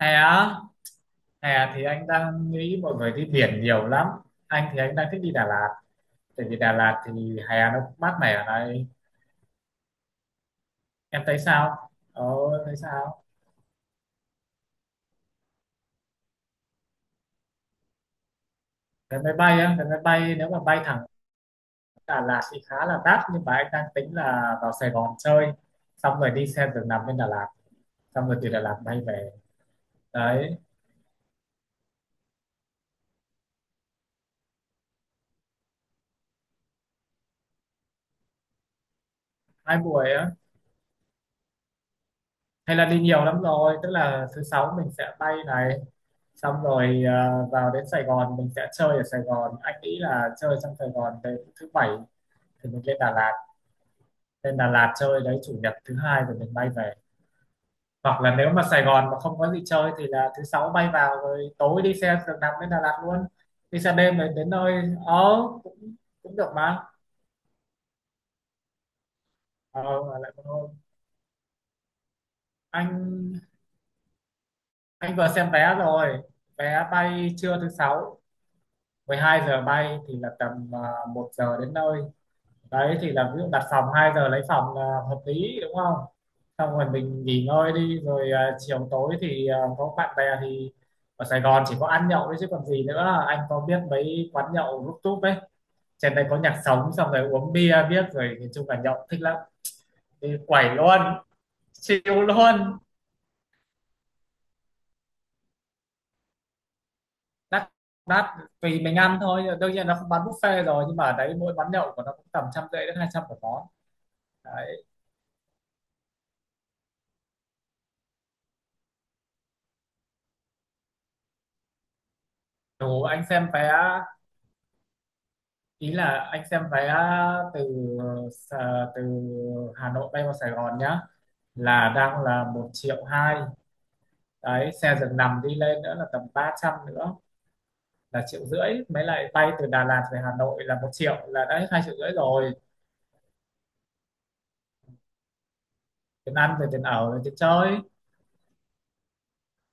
Hè á? Hè thì anh đang nghĩ mọi người đi biển nhiều lắm. Anh đang thích đi Đà Lạt. Tại vì Đà Lạt thì hè nó cũng mát mẻ ở này. Em thấy sao, thấy sao? Vé máy bay á? Vé máy bay Nếu mà bay thẳng Đà Lạt thì khá là đắt, nhưng mà anh đang tính là vào Sài Gòn chơi, xong rồi đi xe giường nằm bên Đà Lạt, xong rồi từ Đà Lạt bay về. Đấy. Hai buổi á? Hay là đi nhiều lắm rồi, tức là thứ sáu mình sẽ bay này, xong rồi vào đến Sài Gòn mình sẽ chơi ở Sài Gòn, anh nghĩ là chơi trong Sài Gòn đến thứ bảy thì mình lên Đà Lạt. Lên Đà Lạt chơi đấy, chủ nhật thứ hai rồi mình bay về. Hoặc là nếu mà Sài Gòn mà không có gì chơi thì là thứ sáu bay vào rồi tối đi xe giường nằm đến Đà Lạt luôn. Đi xe đêm rồi đến nơi, ờ, cũng cũng được mà. Ờ, ở lại một hôm. Anh anh vừa xem vé rồi. Vé bay trưa thứ sáu 12 giờ bay thì là tầm 1 giờ đến nơi. Đấy thì là ví dụ đặt phòng 2 giờ lấy phòng là hợp lý, đúng không? Xong rồi mình nghỉ ngơi đi rồi chiều tối thì có bạn bè thì ở Sài Gòn chỉ có ăn nhậu. Đấy chứ còn gì nữa, anh có biết mấy quán nhậu rút túp ấy, trên đây có nhạc sống xong rồi uống bia, biết rồi, nói chung là nhậu thích lắm. Đi quẩy luôn. Chịu luôn. Đắt. đắt Tùy mình ăn thôi, đương nhiên nó không bán buffet rồi, nhưng mà ở đấy mỗi quán nhậu của nó cũng tầm 150 đến 200 một món. Đủ. Anh xem vé, ý là anh xem vé từ từ Hà Nội bay vào Sài Gòn nhá, là đang là 1.200.000. Đấy xe giường nằm đi lên nữa là tầm 300 nữa, là 1.500.000. Mới lại bay từ Đà Lạt về Hà Nội là 1.000.000, là đã hết 2.500.000 rồi. Tiền ăn rồi tiền ở rồi tiền chơi.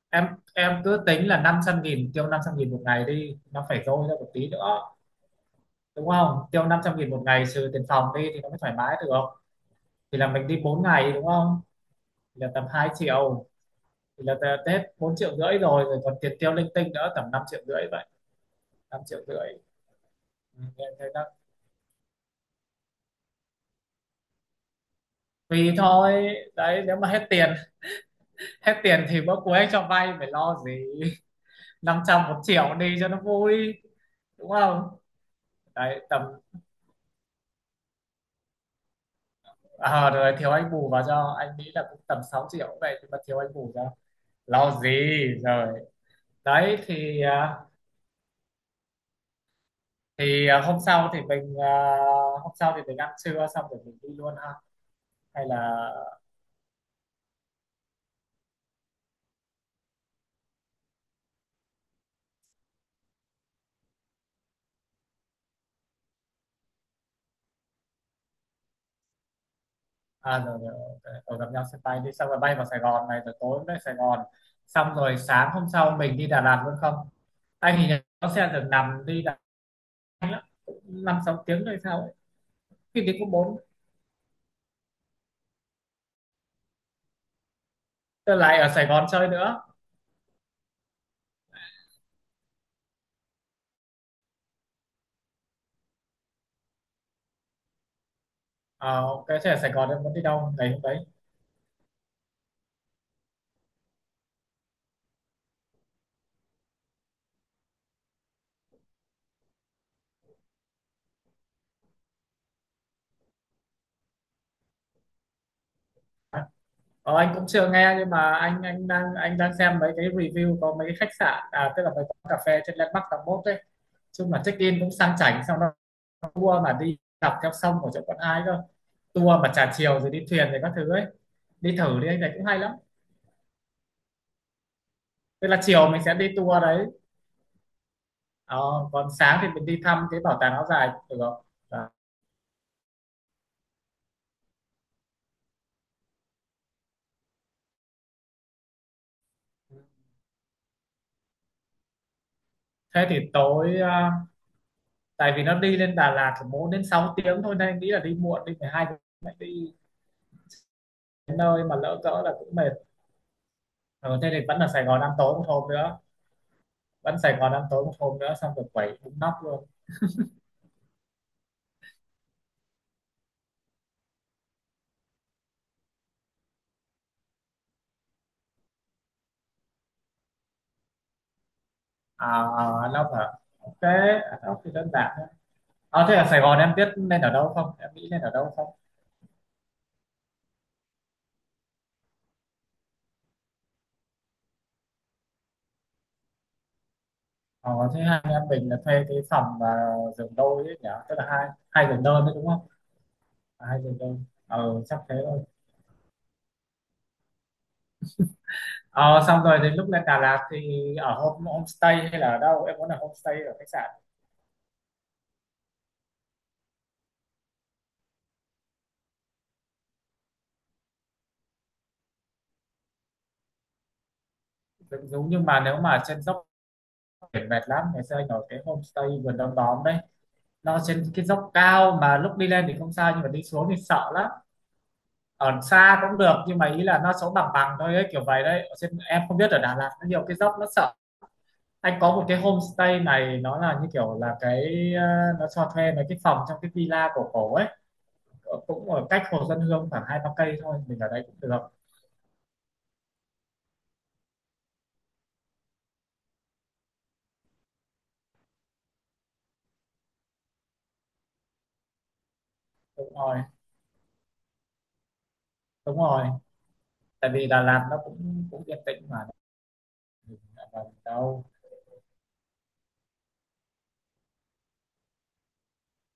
em em cứ tính là 500.000, tiêu 500.000 một ngày đi nó phải dôi ra một tí nữa, đúng không? Tiêu năm trăm nghìn một ngày trừ tiền phòng đi thì nó mới thoải mái được. Thì là mình đi 4 ngày, đúng không? Thì là tầm 2.000.000. Thì là Tết 4.500.000 rồi, rồi còn tiền tiêu linh tinh nữa tầm 5.500.000 vậy. 5.500.000. Ừ, em thấy nó tùy thôi. Đấy, nếu mà hết tiền hết tiền thì bữa cuối anh cho vay, phải lo gì. Năm trăm một triệu đi cho nó vui, đúng không? Đấy tầm, rồi thiếu anh bù vào cho. Anh nghĩ là cũng tầm 6.000.000 cũng vậy, nhưng mà thiếu anh bù cho, lo gì. Rồi. Đấy thì thì hôm sau thì mình hôm sau thì mình ăn trưa xong rồi mình đi luôn ha. Hay là à rồi, rồi, ok. Rồi gặp nhau sân bay đi, xong rồi bay vào Sài Gòn này rồi tối về Sài Gòn, xong rồi sáng hôm sau mình đi Đà Lạt luôn không? Anh thì nó xe thường nằm đi Đà Lạt lắm, 5-6 tiếng rồi sao ấy. Khi thì cũng bốn. Tôi lại ở Sài Gòn chơi nữa. Ờ, ok, thế ở Sài Gòn em muốn đi đâu đấy hôm đấy? Ờ, anh cũng chưa nghe, nhưng mà anh đang xem mấy cái review có mấy cái khách sạn, à tức là mấy quán cà phê trên Landmark 81 đấy. Chung là check in cũng sang chảnh, xong tour mà đi dọc theo sông của chỗ Quận Ai cơ. Tour mà trà chiều rồi đi thuyền rồi các thứ ấy, đi thử đi anh, này cũng hay lắm. Tức là chiều mình sẽ đi tour đấy, ờ, còn sáng thì mình đi thăm cái bảo tàng áo dài cũng được. Đó. Thế thì tối tại vì nó đi lên Đà Lạt thì 4 đến 6 tiếng thôi nên anh nghĩ là đi muộn đi 12 tiếng, lại đi đến nơi mà lỡ cỡ là cũng mệt. Ờ, thế thì vẫn là Sài Gòn ăn tối một hôm nữa. Vẫn Sài Gòn ăn tối một hôm nữa xong rồi quẩy bún nóc luôn. À, à, nóc à? Ok. À, nóc thì đơn giản. À, thế ở Sài Gòn em biết nên ở đâu không? Em nghĩ nên ở đâu không? Ờ, thế hai anh em mình là thuê cái phòng mà giường đôi ấy nhỉ? Tức là hai hai giường đơn đấy, đúng không? À, hai giường đơn. Ờ, chắc thế thôi. Ờ, xong rồi đến lúc lên Đà Lạt thì ở homestay hay là ở đâu? Em muốn ở homestay ở khách sạn. Giống Giống nhưng mà nếu mà trên dốc biển mệt lắm, ngày xưa anh ở cái homestay vườn đom đóm đấy. Nó trên cái dốc cao mà lúc đi lên thì không sao, nhưng mà đi xuống thì sợ lắm. Ở xa cũng được nhưng mà ý là nó sống bằng bằng thôi ấy, kiểu vậy đấy. Ở trên em không biết, ở Đà Lạt nó nhiều cái dốc nó sợ. Anh có một cái homestay này, nó là như kiểu là cái, ờ, nó cho thuê mấy cái phòng trong cái villa cổ cổ ấy. Ờ, cũng ở cách Hồ Xuân Hương khoảng 2-3 cây thôi, mình ở đấy cũng được. Đúng rồi. Đúng rồi. Tại vì Đà Lạt nó cũng cũng yên tĩnh mà. Mình ở Đà Lạt đâu,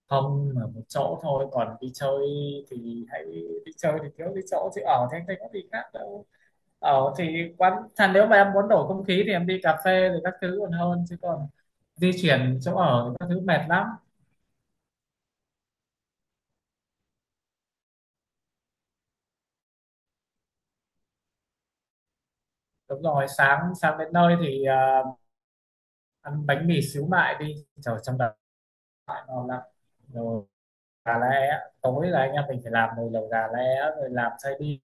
không ở một chỗ thôi, còn đi chơi thì hãy, đi chơi thì thiếu đi chỗ chứ ở thì anh thấy có gì khác đâu. Ở thì quán thà nếu mà em muốn đổi không khí thì em đi cà phê rồi các thứ còn hơn, chứ còn di chuyển chỗ ở thì các thứ mệt lắm. Đúng rồi. Sáng Sáng đến nơi thì ăn bánh mì xíu mại đi, trời trong đó ngon lắm. Rồi, gà lẻ tối là anh em mình phải làm nồi lẩu gà lẻ rồi làm xay đi.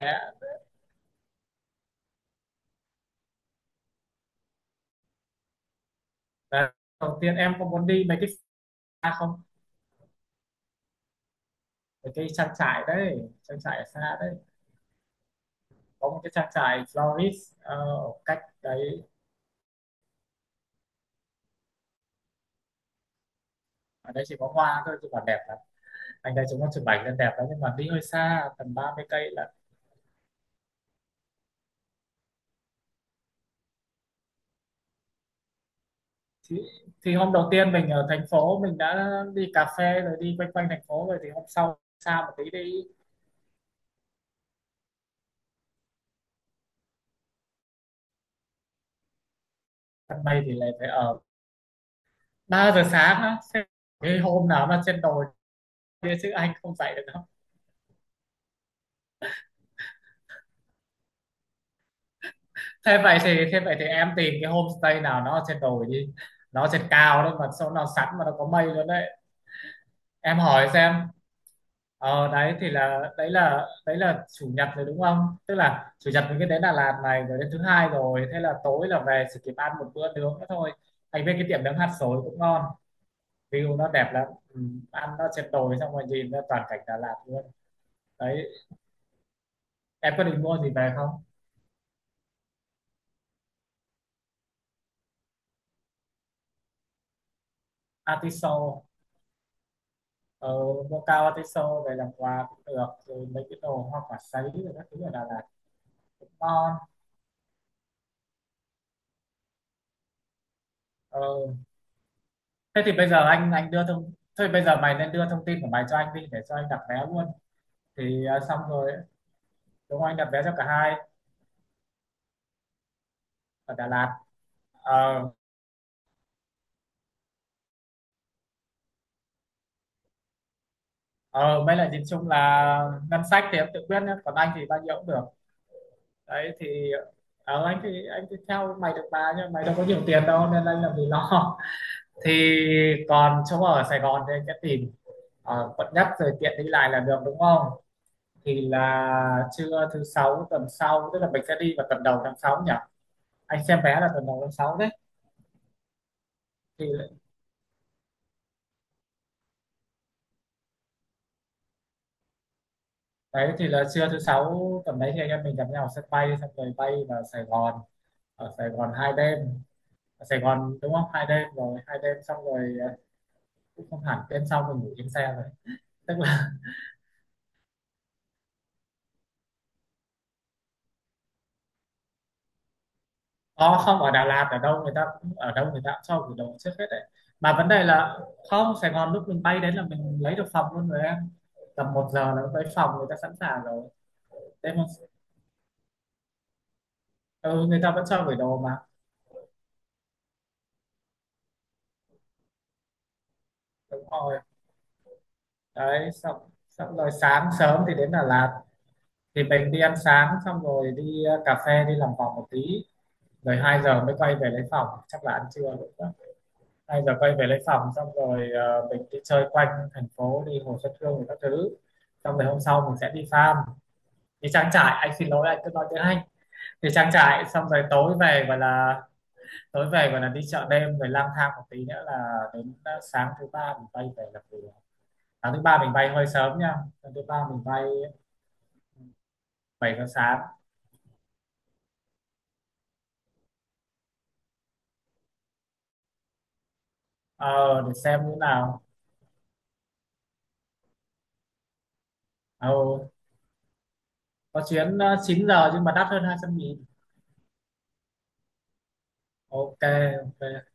Lẻ. Và đầu tiên em có muốn đi mấy cái xa không? Mấy cái trang trại đấy, trang trại ở xa đấy. Có một cái trang trại florist, ờ, ở cách đấy. Ở đây chỉ có hoa thôi chứ còn đẹp lắm. Anh đây, chúng nó chụp ảnh lên đẹp lắm, nhưng mà đi hơi xa tầm 30 cây là. thì, thì hôm đầu tiên mình ở thành phố mình đã đi cà phê rồi đi quanh quanh thành phố rồi thì hôm sau xa một tí đi. Tầm này thì lại phải ở, 3 giờ sáng á? Thế cái hôm nào mà trên đồi kia chứ anh không dậy được đâu. Thế vậy thì em tìm cái homestay nào nó ở trên đồi đi, nó ở trên cao đấy mà sao nó sẵn mà nó có mây luôn đấy. Em hỏi xem. Ờ, đấy thì là đấy là chủ nhật rồi, đúng không? Tức là chủ nhật mình cứ đến Đà Lạt này rồi đến thứ hai, rồi thế là tối là về chỉ kịp ăn một bữa nướng nữa thôi. Anh viên cái tiệm nướng hạt sồi cũng ngon, view nó đẹp lắm, ừ, ăn nó trên đồi xong rồi nhìn ra toàn cảnh Đà Lạt luôn. Đấy, em có định mua gì về không? Artiso, ờ, mua cao artiso về làm quà cũng được, rồi mấy cái đồ hoa quả sấy rồi các thứ ở Đà Lạt cũng ngon. Ờ, thế thì bây giờ anh đưa thông, thôi bây giờ mày nên đưa thông tin của mày cho anh đi để cho anh đặt vé luôn, thì xong rồi, đúng không, anh đặt vé cho cả hai ở Đà Lạt. ờ ờ, mấy là nhìn chung là ngân sách thì em tự quyết nhé, còn anh thì bao nhiêu cũng được. Đấy thì ờ, anh thì theo mày được bà, nhưng mày đâu có nhiều tiền đâu nên anh làm gì lo. Thì còn chỗ ở Sài Gòn thì anh sẽ tìm ở quận nhất rồi tiện đi lại là được, đúng không? Thì là trưa thứ sáu tuần sau, tức là mình sẽ đi vào tuần đầu tháng 6 nhỉ, anh xem vé là tuần đầu tháng 6 đấy. Thì đấy thì là trưa thứ sáu tầm đấy thì anh em mình gặp nhau ở sân bay xong rồi bay vào Sài Gòn, ở Sài Gòn 2 đêm. Ở Sài Gòn, đúng không, hai đêm rồi hai đêm, xong rồi ờ, cũng không hẳn, đêm sau mình ngủ trên xe rồi. Tức là có không, ở Đà Lạt ở đâu người ta cũng, ở đâu người ta cũng cho gửi đồ trước hết đấy mà. Vấn đề là không, Sài Gòn lúc mình bay đến là mình lấy được phòng luôn rồi em, tầm 1 giờ là tới phòng người ta sẵn sàng rồi. đêm hôm- ừ, người ta vẫn cho gửi đồ mà. Đúng rồi. Đấy xong xong rồi sáng sớm thì đến Đà Lạt thì mình đi ăn sáng xong rồi đi, ờ, cà phê đi làm vòng một tí rồi 2 giờ mới quay về lấy phòng chắc là ăn trưa rồi đó. 2 giờ quay về lấy phòng xong rồi ờ, mình đi chơi quanh thành phố đi Hồ Xuân Hương rồi các thứ. Xong rồi hôm sau mình sẽ đi farm, đi trang trại, anh xin lỗi anh cứ nói tiếng Anh. Đi trang trại xong rồi tối về gọi là, tối về gọi là đi chợ đêm rồi lang thang một tí nữa là đến, ờ, sáng thứ ba mình bay về làm việc. Sáng thứ ba mình bay hơi sớm nha. Sáng thứ ba mình bay 7 giờ sáng. Ờ để xem như nào. Ồ, có chuyến, ờ, 9 giờ nhưng mà đắt hơn 200.000. Ok, ok.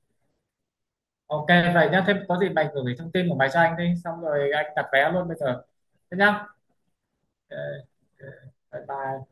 Ok, vậy nhá. Thêm có gì mày gửi thông tin của mày cho anh đi. Xong rồi anh đặt vé luôn bây giờ. Thế nhá. Ok, ok. Bye bye.